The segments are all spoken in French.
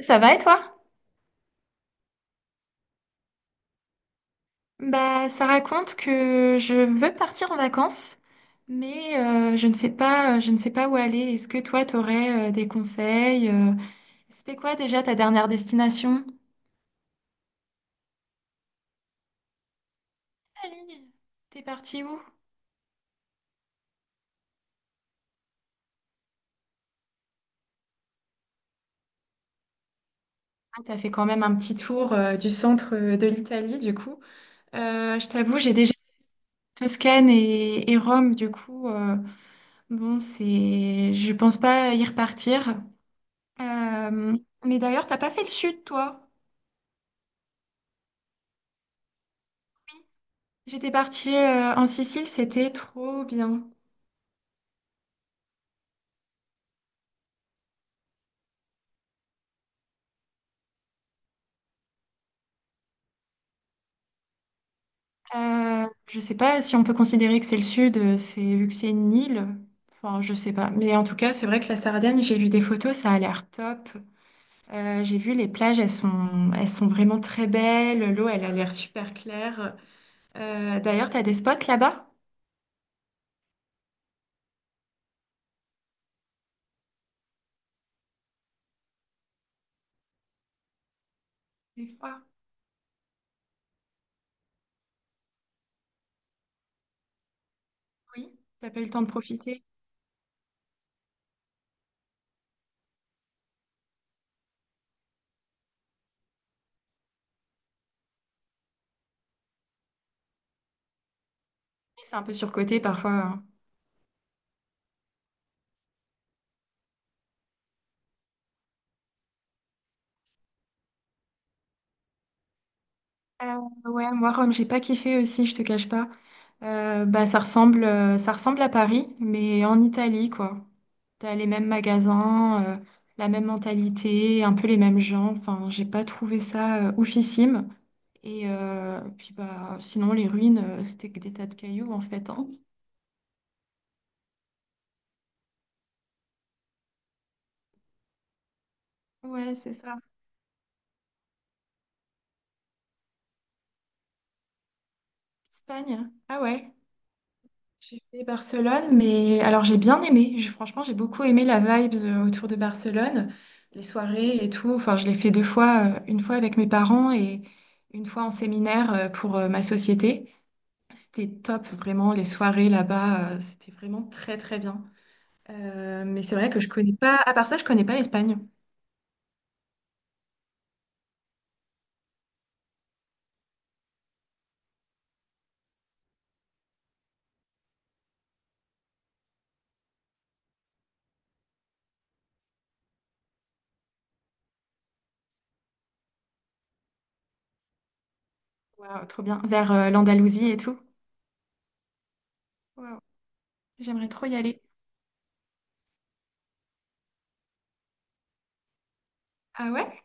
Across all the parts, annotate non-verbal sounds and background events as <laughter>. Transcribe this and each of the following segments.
Ça va et toi? Bah, ça raconte que je veux partir en vacances, mais je ne sais pas, je ne sais pas où aller. Est-ce que toi, t'aurais des conseils? C'était quoi déjà ta dernière destination? Italie. T'es parti où? Ah, t'as fait quand même un petit tour du centre de l'Italie, du coup. Je t'avoue, j'ai déjà fait Toscane et Rome, du coup. Bon, je pense pas y repartir. Euh, mais d'ailleurs, t'as pas fait le sud, toi? J'étais partie en Sicile, c'était trop bien. Je sais pas si on peut considérer que c'est le sud, c'est vu que c'est une île. Enfin, je sais pas. Mais en tout cas, c'est vrai que la Sardaigne, j'ai vu des photos, ça a l'air top. J'ai vu les plages, elles sont vraiment très belles. L'eau, elle a l'air super claire. D'ailleurs, t'as des spots là-bas? Des fois, oui. T'as pas eu le temps de profiter. C'est un peu surcoté parfois, hein. Euh, ouais, moi, Rome, j'ai pas kiffé aussi, je te cache pas. Bah, ça ressemble à Paris, mais en Italie, quoi. T'as les mêmes magasins, la même mentalité, un peu les mêmes gens. Enfin, j'ai pas trouvé ça oufissime. Et puis, bah, sinon, les ruines, c'était que des tas de cailloux, en fait, hein. Ouais, c'est ça. Espagne. Ah ouais. J'ai fait Barcelone, mais alors j'ai bien aimé. Franchement, j'ai beaucoup aimé la vibes autour de Barcelone, les soirées et tout. Enfin, je l'ai fait deux fois, une fois avec mes parents et une fois en séminaire pour ma société. C'était top, vraiment, les soirées là-bas, c'était vraiment très très bien. Mais c'est vrai que je connais pas, à part ça, je connais pas l'Espagne. Waouh, trop bien. Vers l'Andalousie et tout. Waouh, j'aimerais trop y aller. Ah ouais?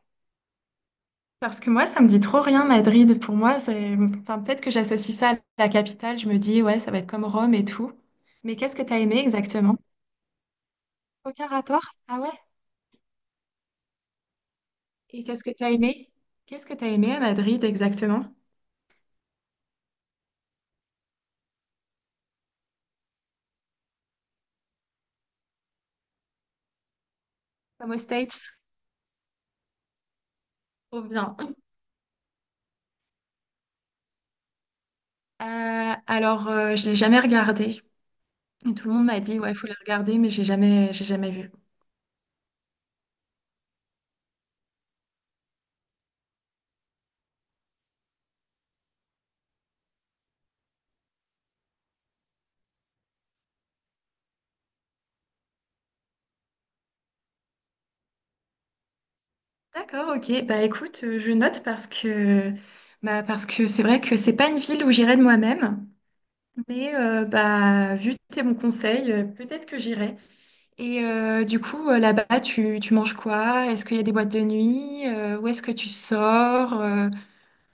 Parce que moi, ça me dit trop rien, Madrid. Pour moi, c'est. Enfin, peut-être que j'associe ça à la capitale. Je me dis, ouais, ça va être comme Rome et tout. Mais qu'est-ce que t'as aimé exactement? Aucun rapport? Ah ouais? Et qu'est-ce que t'as aimé? Qu'est-ce que t'as aimé à Madrid exactement? Comme aux States? Trop bien. Alors, je l'ai jamais regardé. Et tout le monde m'a dit, ouais, faut la regarder, mais j'ai jamais vu. D'accord, ok. Bah écoute, je note parce que c'est vrai que c'est pas une ville où j'irais de moi-même. Mais, vu tes bons conseils, peut-être que j'irai. Et du coup, là-bas, tu manges quoi? Est-ce qu'il y a des boîtes de nuit? Où est-ce que tu sors? Euh,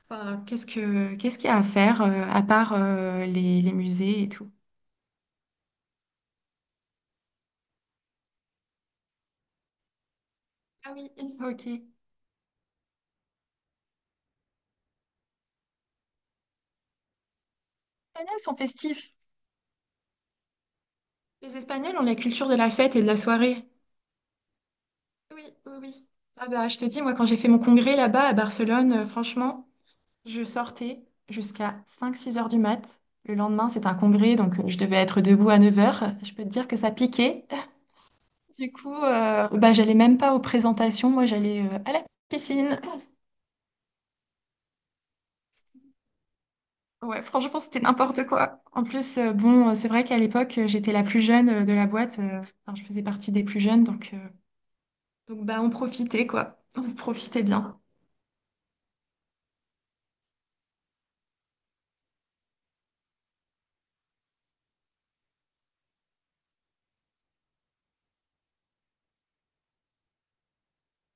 enfin, qu'est-ce qu'il y a à faire à part les musées et tout? Ah oui, ok. Les Espagnols sont festifs. Les Espagnols ont la culture de la fête et de la soirée. Oui, oui, oui. Ah bah, je te dis, moi, quand j'ai fait mon congrès là-bas à Barcelone, franchement. Je sortais jusqu'à cinq six heures du mat. Le lendemain, c'est un congrès, donc je devais être debout à 9 heures. Je peux te dire que ça piquait. <laughs> Du coup, bah, j'allais même pas aux présentations. Moi, j'allais à la piscine. Ouais, franchement, c'était n'importe quoi. En plus, bon, c'est vrai qu'à l'époque, j'étais la plus jeune de la boîte. Enfin, je faisais partie des plus jeunes, donc bah, on profitait, quoi. On profitait bien.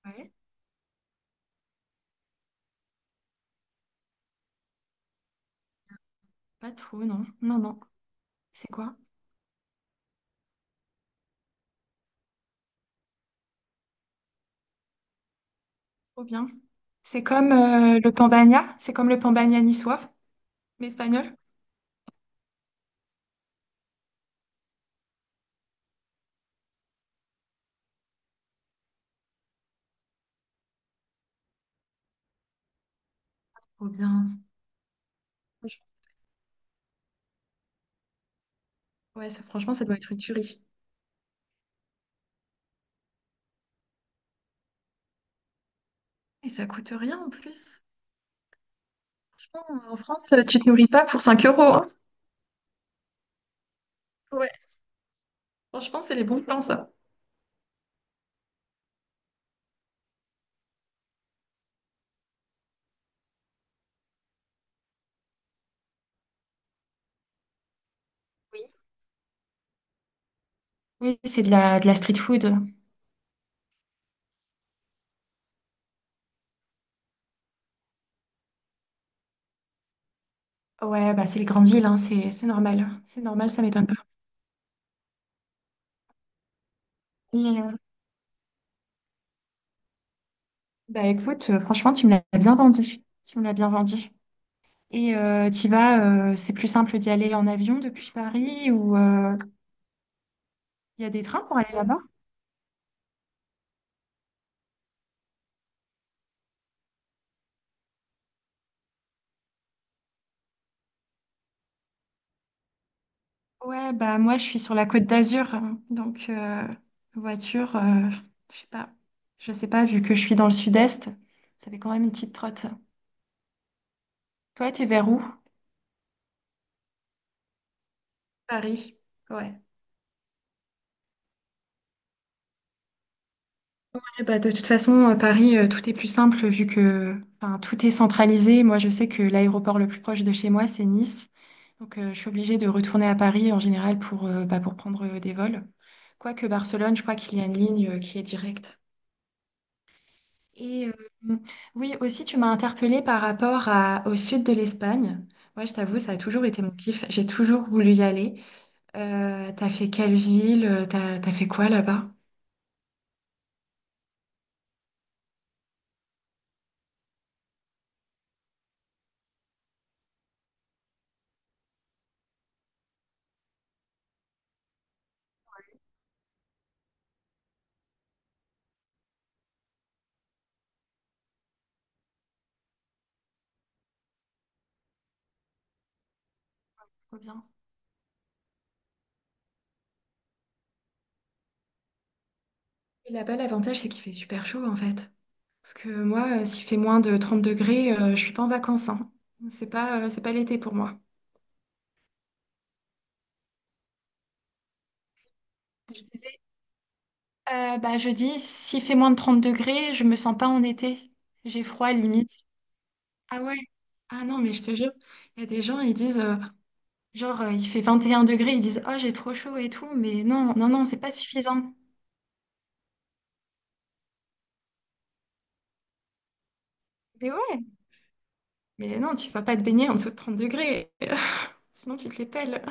Ouais, pas trop, non. Non, non. C'est quoi? Trop bien. C'est comme le Pambagna. C'est comme le Pambagna niçois, mais espagnol. Trop bien. Franch- Ouais, ça, franchement, ça doit être une tuerie. Et ça coûte rien en plus. Franchement, en France, tu te nourris pas pour 5 euros, hein. Ouais. Franchement, c'est les bons plans, ça. Oui, oui, c'est de la street food. Ouais, bah c'est les grandes villes, hein, c'est normal. C'est normal, ça m'étonne pas. Et, bah écoute, franchement, tu me l'as bien vendu. Tu me l'as bien vendu. Et c'est plus simple d'y aller en avion depuis Paris ou il y a des trains pour aller là-bas? Ouais, bah moi je suis sur la Côte d'Azur, hein. Donc voiture, je sais pas, je sais pas, vu que je suis dans le sud-est, ça fait quand même une petite trotte. Toi, t'es vers où? Paris. Ouais. Ouais, bah de toute façon, à Paris, tout est plus simple vu que enfin, tout est centralisé. Moi, je sais que l'aéroport le plus proche de chez moi, c'est Nice. Donc, je suis obligée de retourner à Paris en général pour prendre des vols. Quoique Barcelone, je crois qu'il y a une ligne qui est directe. Et oui, aussi, tu m'as interpellée par rapport au sud de l'Espagne. Moi, je t'avoue, ça a toujours été mon kiff. J'ai toujours voulu y aller. T'as fait quelle ville? T'as fait quoi là-bas? Trop bien. Et là-bas, l'avantage, c'est qu'il fait super chaud, en fait. Parce que moi, s'il fait moins de 30 degrés, je suis pas en vacances, hein. C'est pas l'été pour moi. Je disais, je dis, s'il fait moins de 30 degrés, je me sens pas en été. J'ai froid, limite. Ah ouais? Ah non, mais je te jure, il y a des gens, ils disent. Genre, il fait 21 degrés, ils disent, oh, j'ai trop chaud et tout, mais non, non, non, c'est pas suffisant. Mais ouais, mais non, tu vas pas te baigner en dessous de 30 degrés, <laughs> sinon tu te les pèles.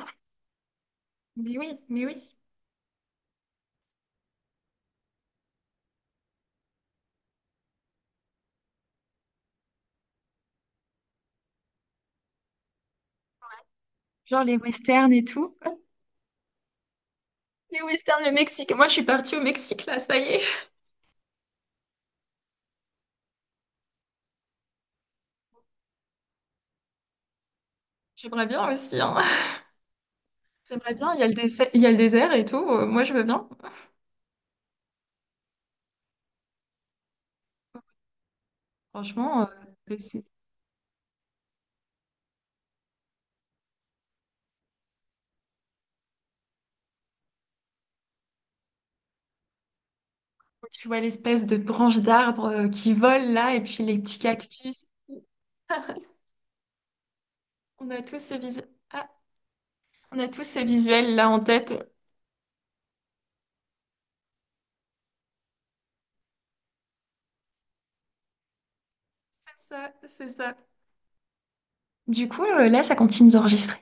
Mais oui, mais oui. Genre les westerns et tout. Les westerns, le Mexique. Moi, je suis partie au Mexique, là, ça y est. J'aimerais bien aussi, hein. J'aimerais bien, il y a le désert, il y a le désert et tout. Moi, je veux bien. Franchement, tu vois l'espèce de branche d'arbre qui vole là, et puis les petits cactus. On a tous ce visuel. Ah, on a tous ce visuel là en tête. C'est ça, c'est ça. Du coup, là, ça continue d'enregistrer.